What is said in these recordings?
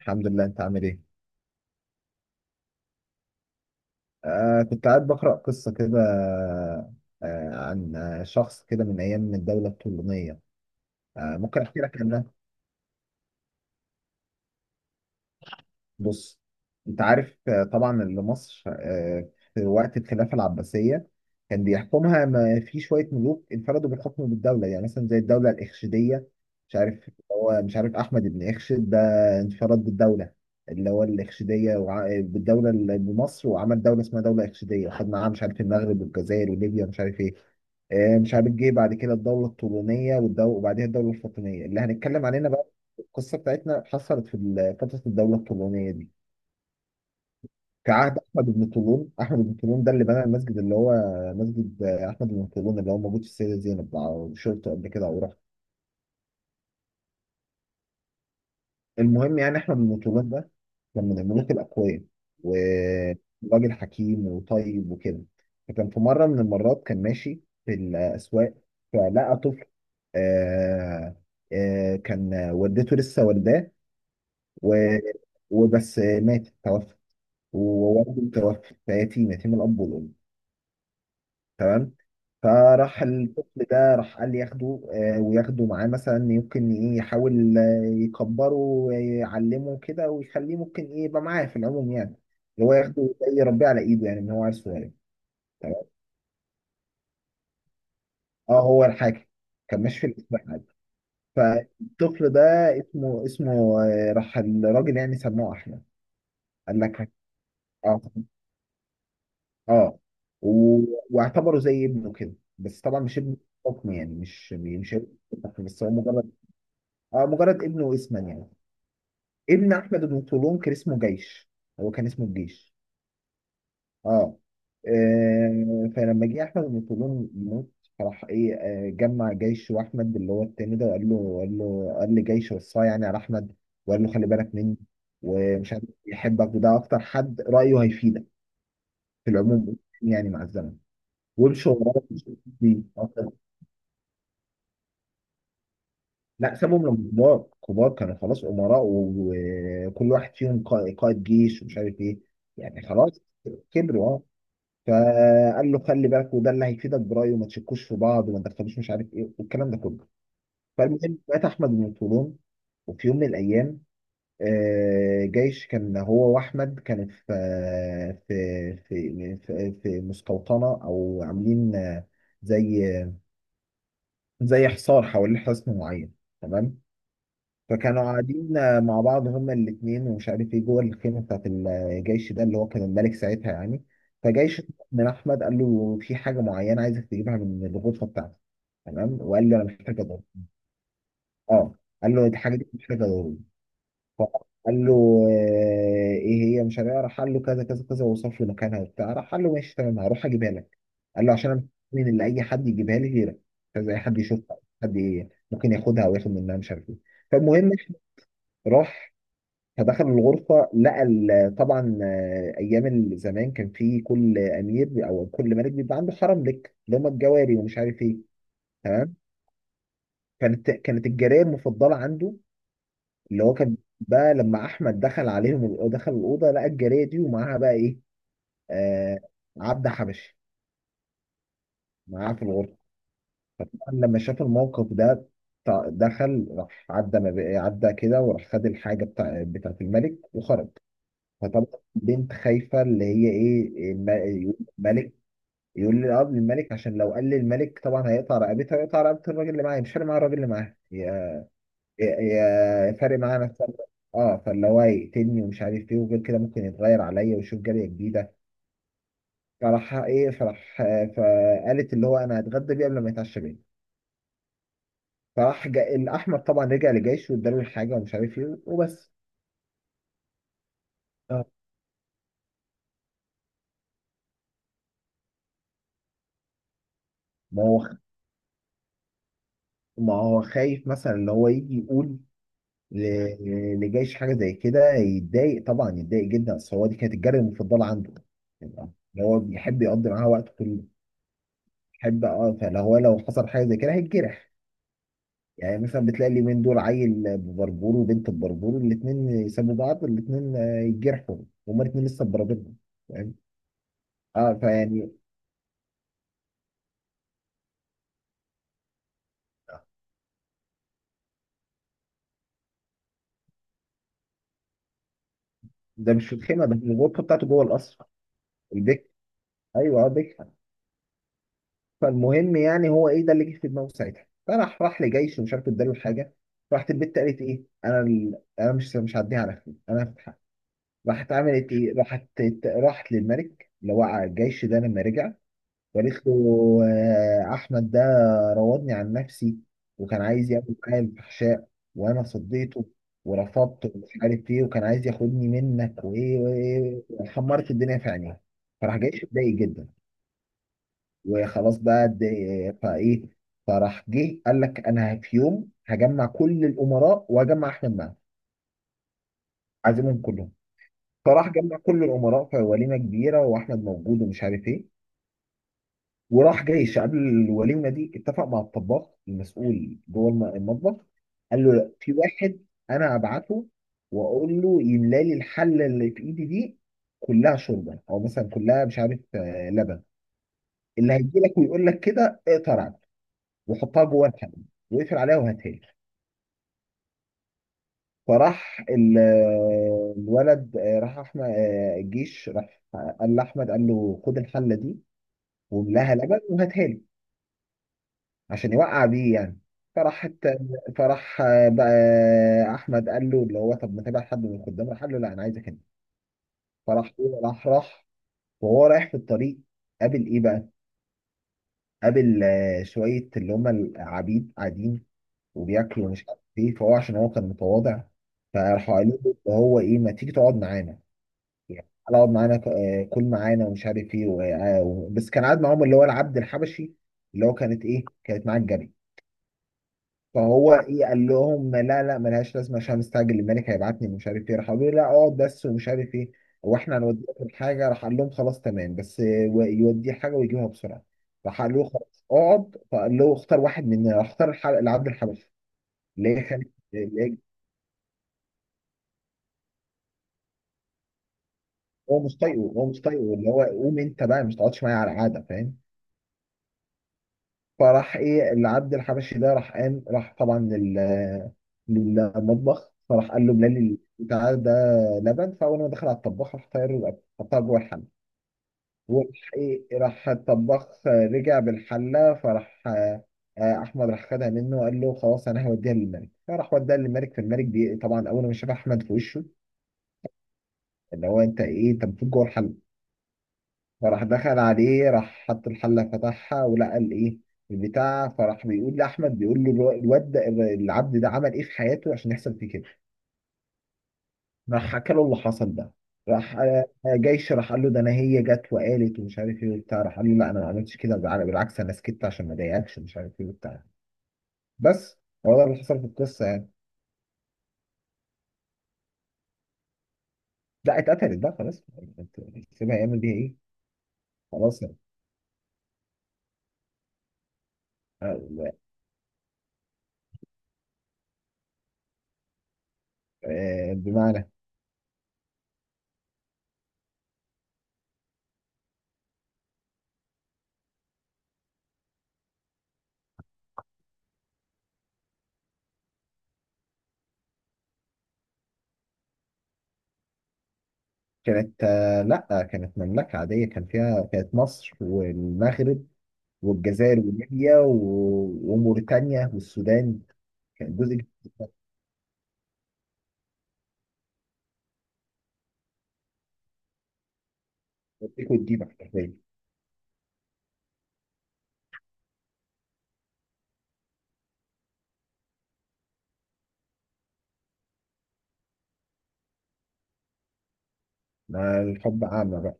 الحمد لله. انت عامل ايه؟ كنت قاعد بقرأ قصة كده عن شخص كده من ايام الدولة الطولونية. ممكن احكي لك عنها. بص، انت عارف طبعا اللي مصر في وقت الخلافه العباسيه كان بيحكمها ما في شويه ملوك انفردوا بالحكم بالدوله، يعني مثلا زي الدوله الاخشيديه. مش عارف، احمد بن اخشد ده انفرد بالدوله، اللي هو الاخشيديه، بالدوله اللي بمصر، وعمل دوله اسمها دوله اخشيديه، وخد معاها مش عارف المغرب والجزائر وليبيا مش عارف ايه. مش عارف جه بعد كده الدوله الطولونيه وبعدها الدوله الفاطميه اللي هنتكلم علينا بقى. القصه بتاعتنا حصلت في فتره الدوله الطولونيه دي، في عهد احمد بن طولون. احمد بن طولون ده اللي بنى المسجد اللي هو مسجد احمد بن طولون، اللي هو موجود في السيده زينب. على شرطه قبل كده او رحت؟ المهم، يعني احمد بن طولون ده كان من الملوك الاقوياء، وراجل حكيم وطيب وكده. فكان في مره من المرات كان ماشي في الاسواق، فلقى طفل. آه كان والدته لسه والداه، و- وبس مات، توفى، ووالده توفى، فيتيم، يتيم الاب والام. تمام. فراح الطفل ده، راح قال لي ياخده، وياخده معاه، مثلا يمكن ايه يحاول يكبره ويعلمه كده ويخليه ممكن ايه يبقى معاه في العموم يعني. اللي هو ياخده زي يربيه على ايده، يعني ان هو عيل صغير. تمام، اه هو الحاكم. كان ماشي في الاسبوع عادي، فالطفل ده اسمه راح الراجل يعني سموه احمد. قال لك، اه، اه. و- واعتبره زي ابنه كده، بس طبعا مش ابنه. حكم يعني، مش هيبقى حكم، بس هو مجرد، اه، مجرد ابنه اسما يعني. ابن احمد بن طولون كان اسمه جيش، هو كان اسمه الجيش. اه. فلما جه احمد بن طولون يموت، راح ايه، جمع جيش واحمد اللي هو التاني ده، وقال له، قال له قال لجيش، وصاه يعني على احمد، وقال له خلي بالك مني ومش عارف يحبك، وده اكتر حد رايه هيفيدك في العموم يعني مع الزمن. وامشوا وراك دي. لا، سابهم لما كبار. كبار كانوا خلاص، امراء وكل واحد فيهم قائد جيش ومش عارف ايه. يعني خلاص كبروا، اه. فقال له خلي بالك، وده اللي هيفيدك برايه، وما تشكوش في بعض، وما تدخلوش مش عارف ايه، والكلام ده كله. فالمهم مات احمد بن طولون، وفي يوم من الايام جيش كان هو واحمد كانوا في في مستوطنه، او عاملين زي، زي حصار حوالين حصن معين. تمام. فكانوا قاعدين مع بعض هما الاثنين ومش عارف ايه جوه الخيمه بتاعت الجيش ده، اللي هو كان الملك ساعتها يعني. فجيش من احمد قال له في حاجه معينه عايزك تجيبها من الغرفه بتاعتي. تمام. وقال له انا محتاج ادور، اه، قال له الحاجه دي محتاجه ضروري. فقال له ايه هي؟ مش عارف إيه. راح قال له كذا كذا كذا، ووصف له مكانها وبتاع. راح قال له ماشي، تمام، هروح اجيبها لك. قال له عشان انا، من اللي اي حد يجيبها لي غيرك، مش عايز اي حد يشوفها. حد ممكن ياخدها او ياخد منها مش عارف ايه. فالمهم، راح فدخل الغرفة، لقى طبعا أيام زمان كان في كل أمير أو كل ملك بيبقى عنده حرم لك، اللي هم الجواري ومش عارف إيه. تمام. كانت الجارية المفضلة عنده، اللي هو كان بقى لما أحمد دخل عليهم، دخل الأوضة لقى الجارية دي ومعاها بقى إيه؟ آه، عبد حبشي معاها في الغرفة. لما شاف الموقف ده، دخل، راح عدى، ما بقى- عدى كده، وراح خد الحاجة بتاعت الملك وخرج. فطبعا البنت خايفه، اللي هي ايه، يقول الملك، يقول لي، اه، للملك، عشان لو قال للملك طبعا هيقطع رقبتها ويقطع رقبه الراجل اللي معايا. مش فارق معايا الراجل اللي معايا، هي، هي- هي فارق معايا نفسها. اه. فاللي هو يقتلني ومش عارف ايه، وغير كده ممكن يتغير عليا ويشوف جاريه جديده. فراح ايه، فراح آه، فقالت اللي هو انا هتغدى بيه قبل ما يتعشى بيه. الاحمد طبعا رجع لجيشه، واداله الحاجه ومش عارف ايه وبس. اه. ما هو ما هو خايف، مثلا اللي هو يجي يقول، ل- اللي جايش حاجه زي كده يتضايق، طبعا يتضايق جدا، اصل هو دي كانت الجاريه المفضله عنده يعني. هو بيحب يقضي معاها وقت كله، بيحب، اه. فلو هو لو حصل حاجه زي كده هيتجرح، يعني مثلا بتلاقي اليومين دول عيل ببربور وبنت ببربور، الاثنين يسابوا بعض الاثنين يتجرحوا، هما الاثنين لسه ببربرهم. فاهم؟ اه، فيعني، ده مش في الخيمه بس، الغرفه بتاعته جوه القصر، البيت. ايوه، اه، بيت. فالمهم يعني هو ايه ده اللي جه في دماغه ساعتها، فراح لجيش ومش عارف اداله الحاجه. راحت البت قالت ايه، انا ال... انا مش هعديها على خير، انا هفتحها. راحت عملت ايه، راحت، راحت للملك اللي هو على الجيش ده لما رجع، وقالت له احمد ده راودني عن نفسي، وكان عايز يعمل معايا الفحشاء، وانا صديته ورفضته ومش عارف ايه، وكان عايز ياخدني منك، وايه وايه وإيه. حمرت الدنيا في عينيه. فراح جيش اتضايق جدا، وخلاص بقى فايه. فراح جه قال لك انا في يوم هجمع كل الامراء واجمع احمد معاهم، عازمهم كلهم. فراح جمع كل الامراء في وليمه كبيره، واحمد موجود ومش عارف ايه. وراح جيش قبل الوليمه دي اتفق مع الطباخ المسؤول جوه المطبخ. قال له لا، في واحد انا ابعته، واقول له يملى لي الحله اللي في ايدي دي كلها شوربه، او مثلا كلها مش عارف لبن. اللي هيجي لك ويقول لك كده، اقطع رقبته وحطها جوه الحلة، وقفل عليها وهاتها لي. فراح الولد، آه، راح احمد آه، الجيش راح قال لاحمد، قال له خد الحله دي واملاها لبن وهاتها لي، عشان يوقع بيه يعني. فراحت، فراح آه، بقى آه، احمد قال له اللي هو طب ما تبعت حد من الخدام. راح قال له لا، انا عايزك انت. فراح هو- راح راح وهو رايح في الطريق، قابل ايه بقى؟ قابل شويه اللي هم العبيد قاعدين وبياكل ومش عارف ايه، فهو عشان هو كان متواضع. فراحوا قالوا له اللي هو ايه، ما تيجي تقعد معانا، يعني تعالى اقعد معانا كل معانا ومش عارف ايه بس كان قاعد معاهم اللي هو العبد الحبشي، اللي هو كانت ايه، كانت معاه الجري. فهو ايه، قال لهم لا ملهاش لازمه، عشان مستعجل، الملك هيبعتني ومش عارف ايه. راح قالوا له لا اقعد بس ومش عارف ايه، واحنا هنوديك حاجه. راح قال لهم خلاص تمام، بس يوديه حاجه ويجيبها بسرعه. راح قال له خلاص اقعد، فقال له اختار واحد مننا. راح اختار العبد الحبشي. ليه خالد؟ هو مش طايقه، هو مش طايقه، اللي هو قوم انت بقى مش تقعدش معايا على القعده. فاهم؟ فراح ايه، اللي عبد الحبشي ده راح قام، راح طبعا للمطبخ. فراح قال له بلال بتاع ده لبن. فاول ما دخل على الطباخ، راح طاير له الأكل، حطها جوه الحله. وراح ايه راح الطباخ رجع بالحله. فراح آه، آه، احمد راح خدها منه، وقال له خلاص انا هوديها للملك. فراح وداها للملك. فالملك طبعا اول ما شاف احمد في وشه، اللي هو انت ايه، انت المفروض جوه الحله. فراح دخل عليه، راح حط الحلة فتحها، ولقى الايه، البتاع. فراح بيقول لأحمد، بيقول له الواد ده، العبد ده عمل ايه في حياته عشان يحصل فيه كده. راح حكى له اللي حصل ده. راح جيش راح قال له ده انا هي جت وقالت ومش عارف ايه وبتاع. راح قال له لا، انا ما عملتش كده، بالعكس انا سكت عشان ما اضايقكش ومش عارف ايه وبتاع، بس. هو ده اللي حصل في القصه يعني. لا، اتقتلت بقى خلاص. يعني انت سيبها يعمل بيها ايه؟ خلاص يعني. آه، بمعنى، كانت لا، كانت مملكة عادية، كان فيها كانت مصر والمغرب والجزائر وليبيا وموريتانيا والسودان. كان جزء كبير من الافريق والديمة حرفيا. ما الحب أعمى بقى.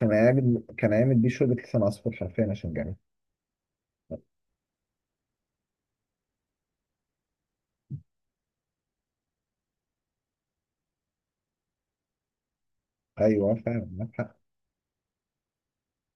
كان أيام، كان أيام البيشو، اللي كان عصفور حرفيا عشان جامد. أيوه فعلا.